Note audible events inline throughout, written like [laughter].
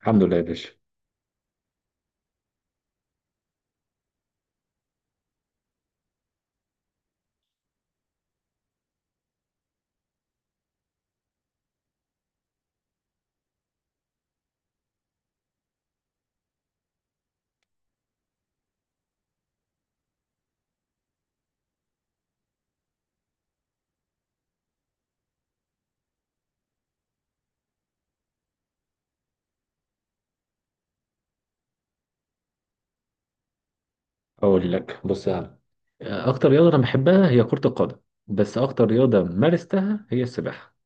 الحمد لله يا باشا. اقول لك: بص يا عم، اكتر رياضه انا بحبها هي كره القدم، بس اكتر رياضه مارستها هي السباحه.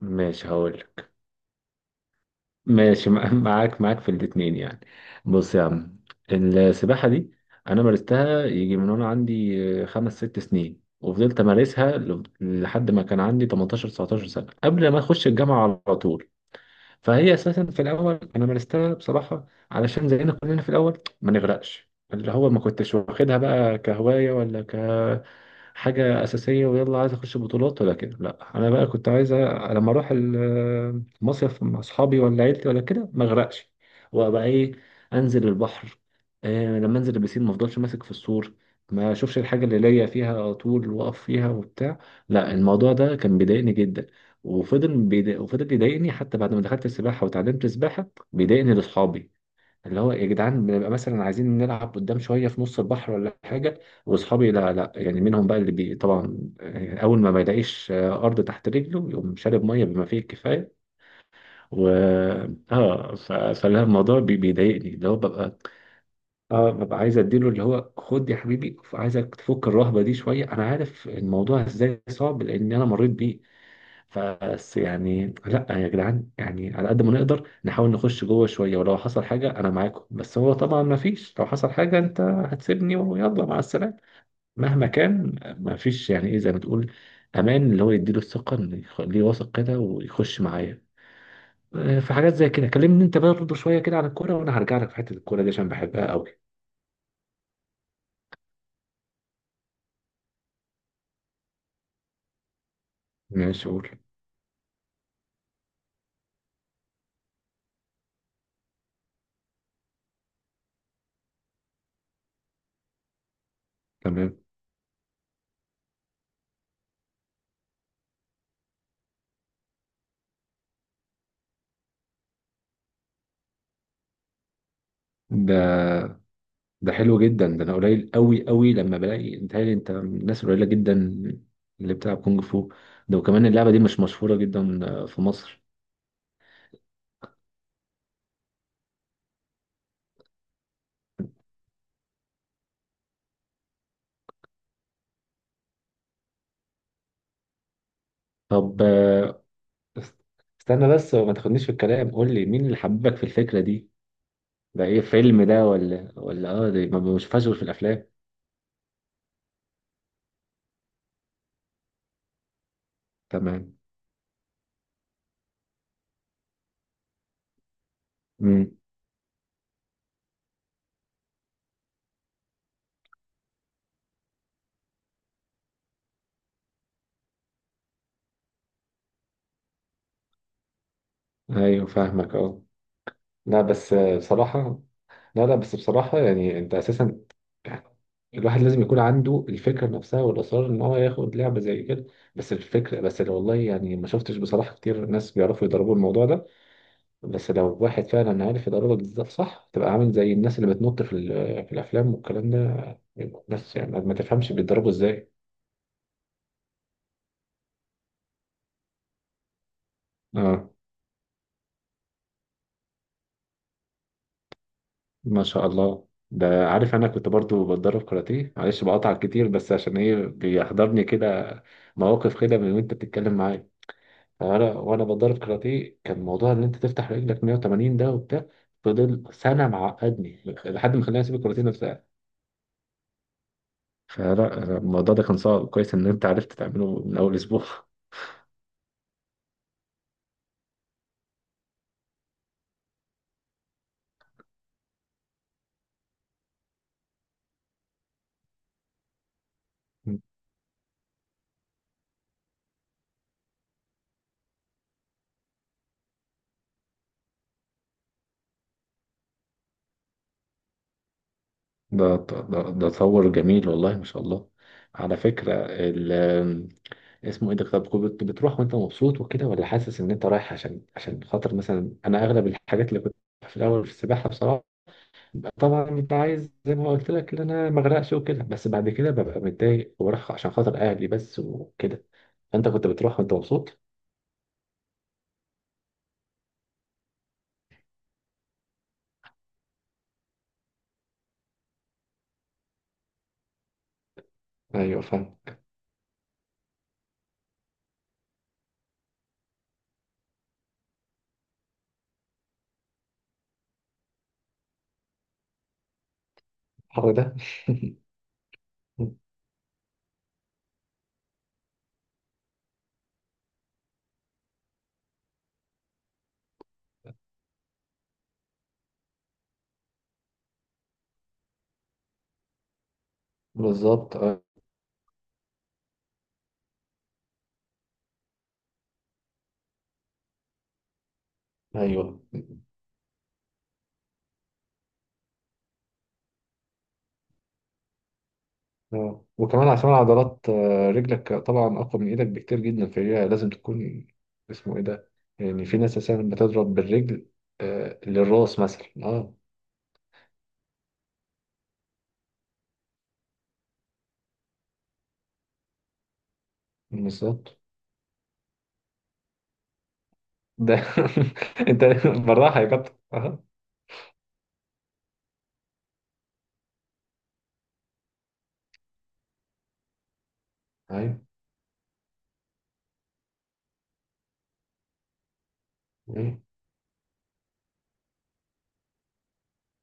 ماشي، هقول لك. ماشي، معاك في الاتنين يعني. بص يا عم، السباحه دي انا مارستها يجي من وانا عندي 5 6 سنين، وفضلت امارسها لحد ما كان عندي 18 19 سنه، قبل ما اخش الجامعه على طول. فهي اساسا في الاول انا مارستها بصراحه علشان زينا كلنا في الاول ما نغرقش، اللي هو ما كنتش واخدها بقى كهوايه ولا كحاجه اساسيه ويلا عايز اخش بطولات ولا كده. لا، انا بقى كنت عايز لما اروح مصيف مع اصحابي ولا عيلتي ولا كده ما اغرقش، وابقى ايه، انزل البحر. لما انزل البسين ما افضلش ماسك في السور، ما اشوفش الحاجه اللي ليا فيها على طول واقف فيها وبتاع. لا، الموضوع ده كان بيضايقني جدا، وفضل يضايقني حتى بعد ما دخلت السباحه وتعلمت السباحه. بيضايقني لاصحابي، اللي هو يا جدعان بنبقى مثلا عايزين نلعب قدام شويه في نص البحر ولا حاجه، واصحابي لا، لا يعني، منهم بقى طبعا اول ما يلاقيش ارض تحت رجله يقوم شارب ميه بما فيه الكفايه. و فلا الموضوع بيضايقني، اللي هو ببقى، اه، ببقى عايز اديله اللي هو: خد يا حبيبي، عايزك تفك الرهبه دي شويه، انا عارف الموضوع ازاي صعب لان انا مريت بيه. بس يعني لا يا جدعان، يعني على قد ما نقدر نحاول نخش جوه شويه، ولو حصل حاجه انا معاكم، بس هو طبعا ما فيش لو حصل حاجه انت هتسيبني ويلا مع السلامه. مهما كان، ما فيش يعني ايه، زي ما تقول، امان، اللي هو يديله الثقه ان يخليه واثق كده ويخش معايا. في حاجات زي كده كلمني انت برضه شويه كده عن الكوره، وانا هرجع لك في حته الكوره دي عشان بحبها قوي. ماشي، قول. تمام. ده حلو جدا، ده انا قليل قوي قوي لما بلاقي انت من الناس قليله جدا اللي بتلعب كونج فو. ده وكمان اللعبه دي مش مشهوره جدا في مصر. طب، است- استنى بس وما تاخدنيش في الكلام، قول لي مين اللي حببك في الفكره دي؟ ده ايه، فيلم ده ولا؟ ده ما بشوفهاش غير في الافلام. تمام. امم ايوه فاهمك، اه. لا بس آه، بصراحه لا، لا، بس بصراحة يعني انت اساسا يعني الواحد لازم يكون عنده الفكرة نفسها والإصرار إن هو ياخد لعبة زي كده. بس الفكرة، بس اللي والله يعني ما شفتش بصراحة كتير ناس بيعرفوا يضربوا الموضوع ده. بس لو واحد فعلا عارف يضربك بالظبط صح، تبقى عامل زي الناس اللي بتنط في الأفلام والكلام ده، بس يعني ما تفهمش بيتضربوا إزاي. آه ما شاء الله، ده عارف أنا كنت برضو بتدرب كاراتيه. معلش بقطع كتير، بس عشان إيه بيحضرني كده مواقف كده من وأنت بتتكلم معايا. انا وانا بتدرب كاراتيه كان موضوع ان انت تفتح رجلك 180 ده وبتاع، فضل سنه معقدني لحد ما خلاني اسيب الكاراتيه نفسها. فلا أنا الموضوع ده كان صعب، كويس ان انت عرفت تعمله من اول اسبوع. ده تصور جميل، والله ما شاء الله. على فكره، اسمه ايه ده، طب كنت بتروح وانت مبسوط وكده، ولا حاسس ان انت رايح عشان خاطر مثلا؟ انا اغلب الحاجات اللي كنت في الاول في السباحه بصراحه، طبعا ببقى عايز زي ما قلت لك ان انا ما اغرقش وكده، بس بعد كده ببقى متضايق وبروح عشان خاطر اهلي بس وكده. انت كنت بتروح وانت مبسوط؟ ايوه فاهم. الحر ده. [laughs] بالظبط ايوه. آه. وكمان عشان عضلات رجلك طبعا اقوى من ايدك بكتير جدا، فهي لازم تكون. اسمه ايه ده، يعني في ناس اساسا بتضرب بالرجل للراس مثلا، اه؟ بالظبط. ده [laughs] انت بالراحه يا كابتن، اه؟ ايوه، أيوه.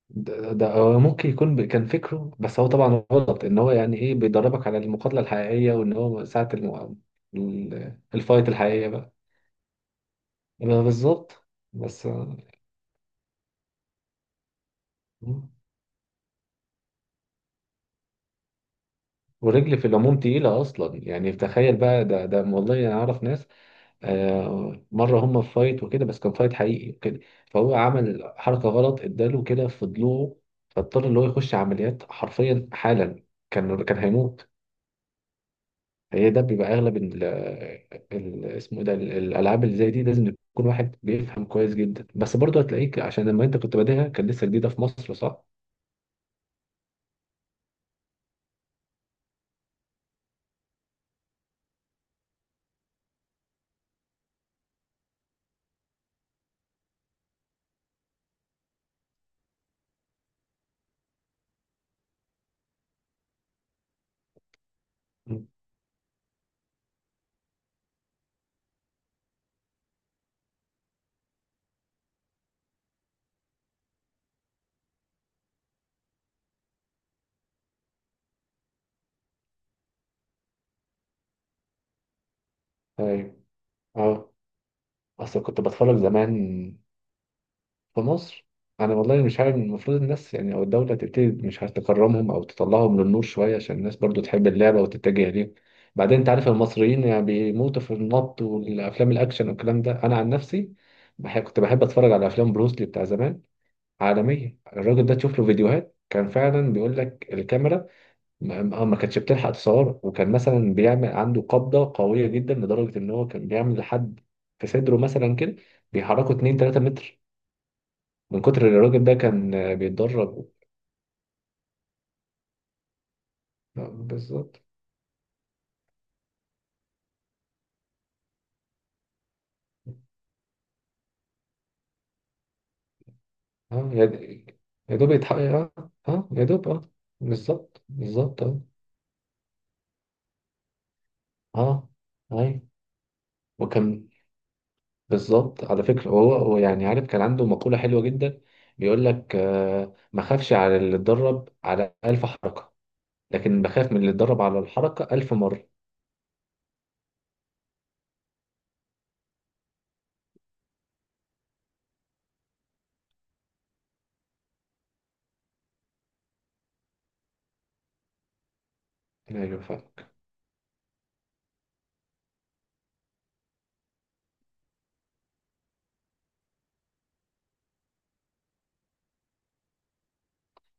ده هو ممكن يكون كان فكره، بس هو طبعا غلط ان هو يعني ايه بيدربك على المقاتله الحقيقيه، وان هو ساعه الفايت الحقيقيه بقى. يبقى بالظبط. بس، ورجل في العموم تقيله اصلا يعني، تخيل بقى. ده والله انا اعرف ناس مره هم في فايت وكده، بس كان فايت حقيقي وكده، فهو عمل حركه غلط، اداله كده في ضلوعه، فاضطر ان هو يخش عمليات حرفيا حالا، كان هيموت. هي ده بيبقى اغلب اسمه إيه ده الالعاب اللي زي دي لازم يكون واحد بيفهم كويس جدا. بس برضه هتلاقيك، عشان لما انت كنت بادئها كان لسه جديده في مصر، صح؟ مم. ايوه، اه. اصل كنت بتفرج زمان في مصر. انا والله مش عارف، المفروض الناس يعني او الدوله تبتدي مش عارف تكرمهم او تطلعهم للنور شويه عشان الناس برضو تحب اللعبه وتتجه ليه. بعدين انت عارف المصريين يعني بيموتوا في النط والافلام الاكشن والكلام ده، انا عن نفسي بحب، كنت بحب اتفرج على افلام بروسلي بتاع زمان. عالمية الراجل ده، تشوف له فيديوهات كان فعلا، بيقول لك الكاميرا ما كانتش بتلحق تصوره، وكان مثلا بيعمل عنده قبضة قوية جدا لدرجة ان هو كان بيعمل لحد في صدره مثلا كده، بيحركه 2 3 متر من كتر اللي الراجل ده كان بيتدرب. بالظبط، اه. يا دوب يتحقق، اه. اه، يا دوب، اه. بالظبط بالظبط، اه. اه اي وكان. بالظبط، على فكرة، هو يعني عارف كان عنده مقولة حلوة جدا، بيقول لك ما خافش على اللي اتدرب على 1000 حركة، لكن بخاف من اللي اتدرب على الحركة 1000 مرة. أيوة فاهمك.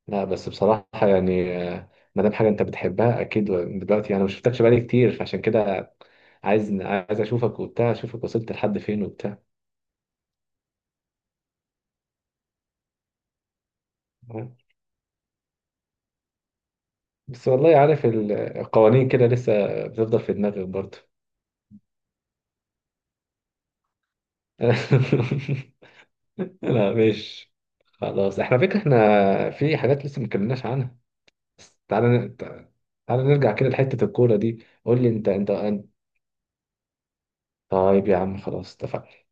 لا بس بصراحة يعني ما دام حاجة أنت بتحبها أكيد، دلوقتي أنا ما شفتكش بقالي كتير، فعشان كده عايز أشوفك وبتاع، أشوفك وصلت لحد فين وبتاع. بس والله عارف القوانين كده لسه بتفضل في دماغك برضه. [laughs] لا ماشي. خلاص، احنا فكرة احنا. في حاجات لسه ما اتكلمناش عنها، بس تعالى تعالى نرجع كده لحتة الكورة دي. قول لي انت. طيب يا عم، خلاص، اتفقنا.